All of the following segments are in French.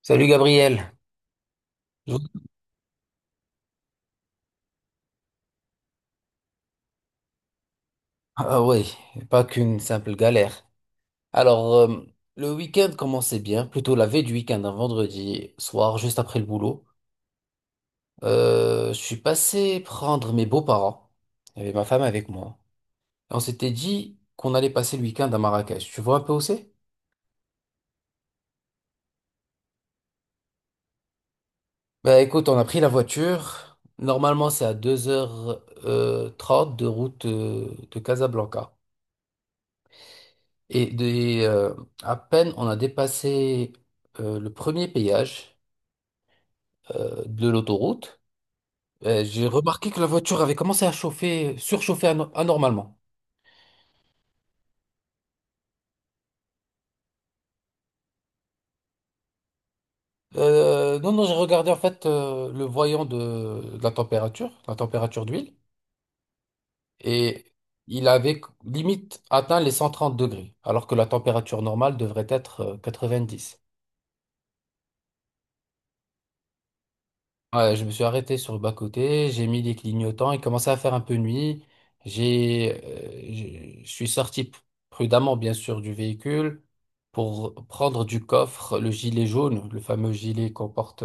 Salut Gabriel. Je- vous- Ah oui, pas qu'une simple galère. Alors, euh, le week-end commençait bien, plutôt la veille du week-end, un vendredi soir, juste après le boulot. Je suis passé prendre mes beaux-parents. Il y avait ma femme avec moi. Et on s'était dit qu'on allait passer le week-end à Marrakech. Tu vois un peu où c'est? Bah écoute, on a pris la voiture. Normalement, c'est à 2 heures 30 de route de Casablanca. Et des, euh, à peine on a dépassé le premier péage de l'autoroute, j'ai remarqué que la voiture avait commencé à chauffer, surchauffer anormalement. Non, non, j'ai regardé en fait le voyant de la température d'huile, et il avait limite atteint les 130 degrés, alors que la température normale devrait être 90. Ouais, je me suis arrêté sur le bas-côté, j'ai mis les clignotants, il commençait à faire un peu nuit. Je suis sorti prudemment, bien sûr, du véhicule pour prendre du coffre le gilet jaune, le fameux gilet qu'on porte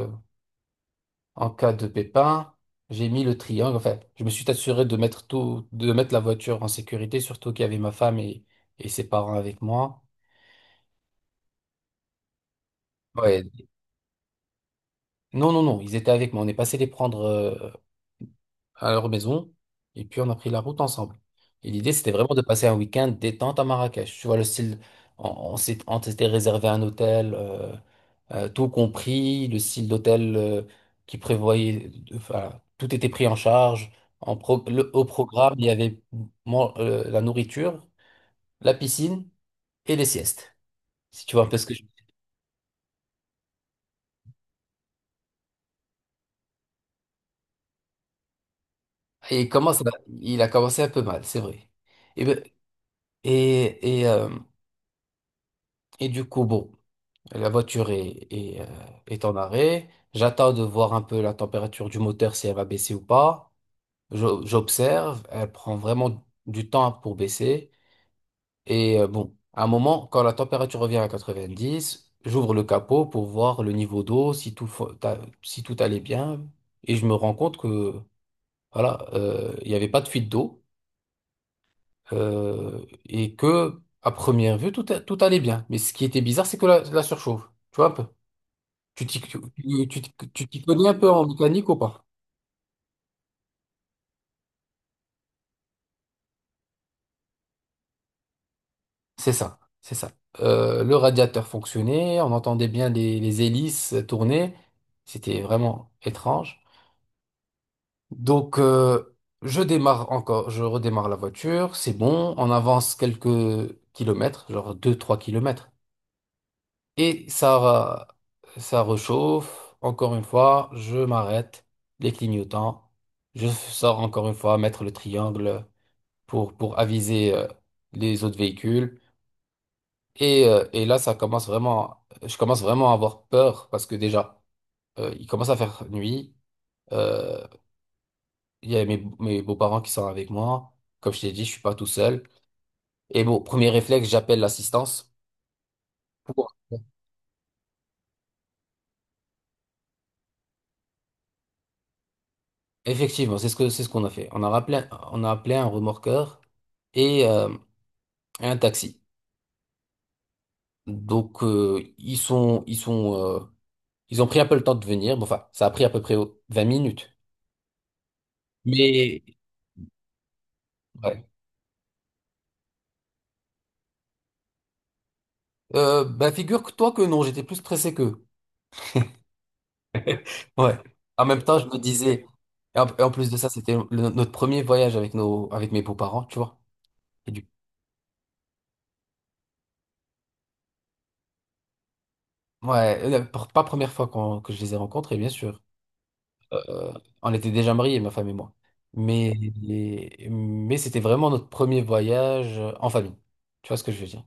en cas de pépin. J'ai mis le triangle, enfin, je me suis assuré de mettre tout, de mettre la voiture en sécurité, surtout qu'il y avait ma femme et ses parents avec moi. Ouais. Non, non, non, ils étaient avec moi. On est passé les prendre à leur maison et puis on a pris la route ensemble. Et l'idée, c'était vraiment de passer un week-end détente à Marrakech. Tu vois, le style, on s'était réservé un hôtel, tout compris, le style d'hôtel qui prévoyait, enfin, tout était pris en charge. Au programme, il y avait la nourriture, la piscine et les siestes, si tu vois un peu ce que je... Il a commencé un peu mal, c'est vrai. Et, ben- et, et, euh, et du coup, bon. La voiture est en arrêt. J'attends de voir un peu la température du moteur, si elle va baisser ou pas. J'observe, elle prend vraiment du temps pour baisser. Et bon, à un moment, quand la température revient à 90, j'ouvre le capot pour voir le niveau d'eau, si tout, si tout allait bien. Et je me rends compte que, voilà, il n'y avait pas de fuite d'eau. Et que, à première vue, tout, tout allait bien. Mais ce qui était bizarre, c'est que la surchauffe. Tu vois un peu? Tu t'y tu- tu- tu- T'y connais un peu en mécanique ou pas? C'est ça, c'est ça. Le radiateur fonctionnait, on entendait bien les hélices tourner. C'était vraiment étrange. Donc, je démarre encore, je redémarre la voiture, c'est bon, on avance quelques kilomètres, genre 2, 3 kilomètres. Et ça rechauffe. Encore une fois, je m'arrête, les clignotants. Je sors encore une fois, mettre le triangle. Pour aviser les autres véhicules. Et là, ça commence vraiment, je commence vraiment à avoir peur parce que déjà, il commence à faire nuit. Euh, il y a mes beaux-parents qui sont avec moi. Comme je t'ai dit, je suis pas tout seul. Et bon, premier réflexe, j'appelle l'assistance. pour- Effectivement, c'est ce que, c'est ce qu'on a fait. On a appelé un remorqueur et, euh, et un taxi. Donc, ils ont pris un peu le temps de venir. Bon, enfin, ça a pris à peu près 20 minutes. Mais, ouais. Bah, figure-toi que non, j'étais plus pressé qu'eux. Ouais. En même temps, je me disais. Et en plus de ça, c'était notre premier voyage avec avec mes beaux-parents, tu vois. Et du, ouais, pas première fois que je les ai rencontrés, bien sûr. Euh, on était déjà mariés, ma femme et moi. Mais, mais c'était vraiment notre premier voyage en famille. Tu vois ce que je veux dire?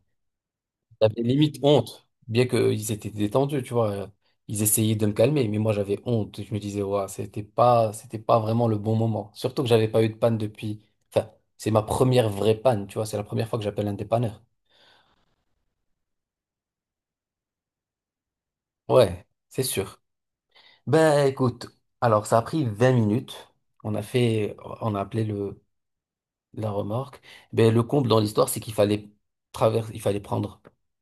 J'avais limite honte, bien qu'ils étaient détendus, tu vois. Ils essayaient de me calmer, mais moi j'avais honte. Je me disais, ouais, c'était pas vraiment le bon moment. Surtout que j'avais pas eu de panne depuis. Enfin, c'est ma première vraie panne, tu vois. C'est la première fois que j'appelle un dépanneur. Ouais, c'est sûr. Ben écoute, alors ça a pris 20 minutes. On a fait, on a appelé la remorque. Ben le comble dans l'histoire, c'est qu'il fallait traverser, il fallait prendre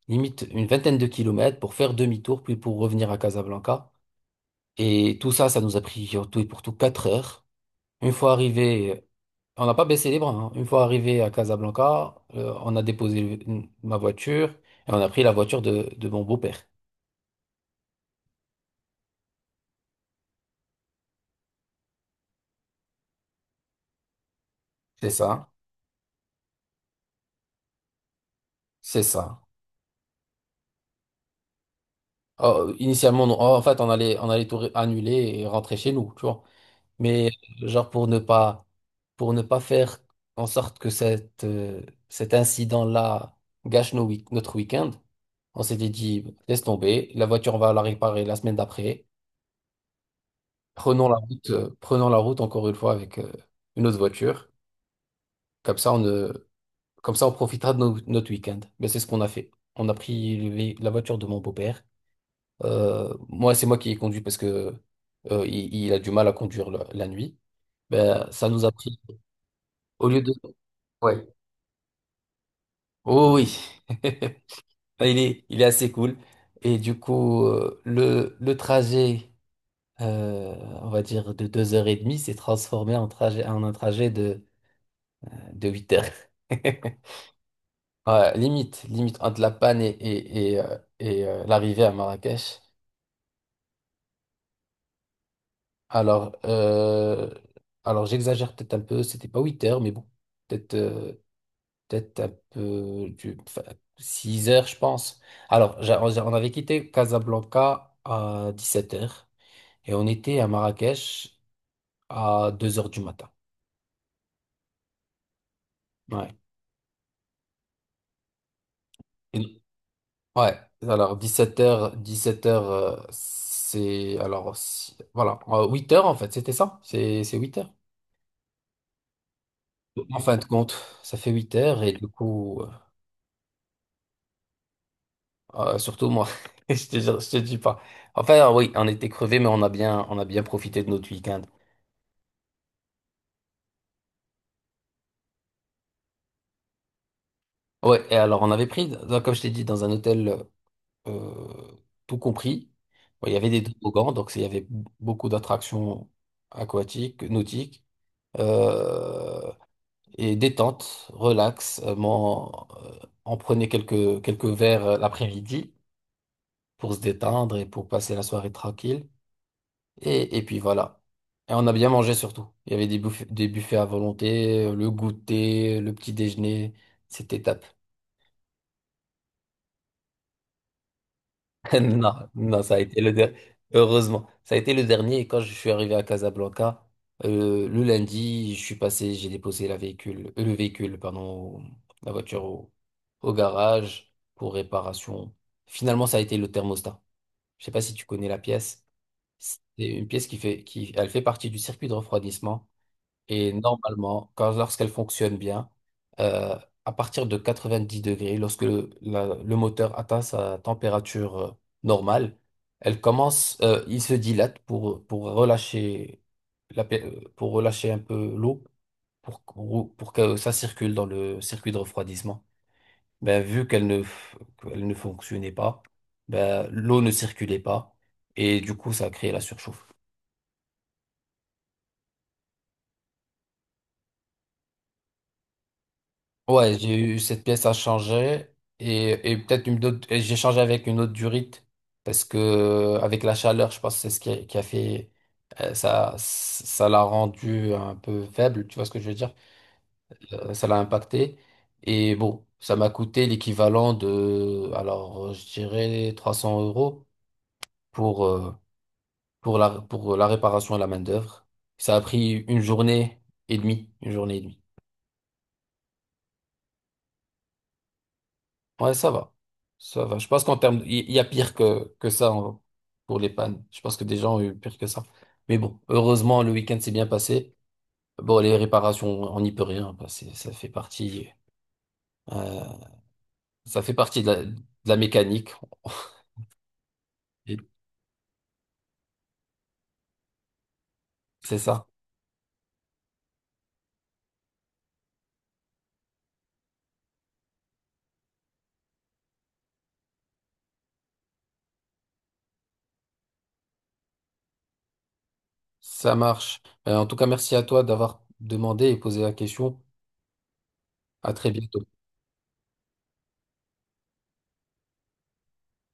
limite une vingtaine de kilomètres pour faire demi-tour, puis pour revenir à Casablanca. Et tout ça, ça nous a pris en tout et pour tout 4 heures. Une fois arrivé, on n'a pas baissé les bras, hein. Une fois arrivé à Casablanca, on a déposé ma voiture et on a pris la voiture de mon beau-père. C'est ça, c'est ça. Oh, initialement, non. Oh, en fait, on allait tout annuler et rentrer chez nous, tu vois. Mais genre pour ne pas faire en sorte que cette, cet incident-là gâche notre week-end, on s'était dit, laisse tomber, la voiture, on va la réparer la semaine d'après. Prenons la route encore une fois avec une autre voiture. Comme ça, on, ne- comme ça, on profitera de notre week-end. Mais c'est ce qu'on a fait. On a pris la voiture de mon beau-père. Moi, c'est moi qui ai conduit parce que il a du mal à conduire la nuit. Ben, ça nous a pris au lieu de. Ouais. Oh oui. Il est assez cool. Et du coup, le trajet, euh, on va dire de 2 heures et demie, s'est transformé en trajet, en un trajet de 8 heures. Ouais, limite, limite entre la panne et l'arrivée à Marrakech. Alors, euh, alors j'exagère peut-être un peu, c'était pas 8 heures, mais bon, peut-être euh, peut-être un peu du, enfin, 6 heures, je pense. Alors, on avait quitté Casablanca à 17 heures et on était à Marrakech à 2 heures du matin. Ouais. Ouais, alors 17h, 17h, c'est... Alors, voilà, 8 heures en fait, c'était ça, c'est 8 heures. En fin de compte, ça fait 8 heures et du coup, surtout moi, je te dis pas. Enfin, oui, on était crevés, mais on a bien profité de notre week-end. Ouais, et alors on avait pris, donc, comme je t'ai dit, dans un hôtel euh, tout compris. Bon, il y avait des toboggans, il y avait beaucoup d'attractions aquatiques, nautiques. Euh, et détente, relax. Euh, on prenait quelques verres l'après-midi pour se détendre et pour passer la soirée tranquille. Et puis voilà. Et on a bien mangé surtout. Il y avait des buffets à volonté, le goûter, le petit déjeuner. C'était top. Non, non, ça a été le dernier. Heureusement, ça a été le dernier. Et quand je suis arrivé à Casablanca, le lundi, je suis passé, j'ai déposé le véhicule, pardon, la voiture au garage pour réparation. Finalement, ça a été le thermostat. Je sais pas si tu connais la pièce. C'est une pièce qui, elle fait partie du circuit de refroidissement. Et normalement, lorsqu'elle fonctionne bien, euh, à partir de 90 degrés, lorsque le moteur atteint sa température normale, il se dilate pour relâcher pour relâcher un peu l'eau, pour que ça circule dans le circuit de refroidissement. Ben, vu qu'elle ne fonctionnait pas, ben, l'eau ne circulait pas, et du coup, ça a créé la surchauffe. Ouais, j'ai eu cette pièce à changer et peut-être une autre, et j'ai changé avec une autre durite parce que avec la chaleur, je pense que c'est ce qui a fait ça l'a rendu un peu faible, tu vois ce que je veux dire? Ça l'a impacté et bon, ça m'a coûté l'équivalent de, alors je dirais 300 € pour, pour la réparation et la main-d'œuvre. Ça a pris une journée et demie, une journée et demie. Ouais, ça va. Ça va. Je pense qu'en termes, il y a pire que ça pour les pannes. Je pense que des gens ont eu pire que ça. Mais bon, heureusement, le week-end s'est bien passé. Bon, les réparations, on n'y peut rien. Bah, euh, ça fait partie de la mécanique. Et c'est ça. Ça marche. En tout cas, merci à toi d'avoir demandé et posé la question. À très bientôt.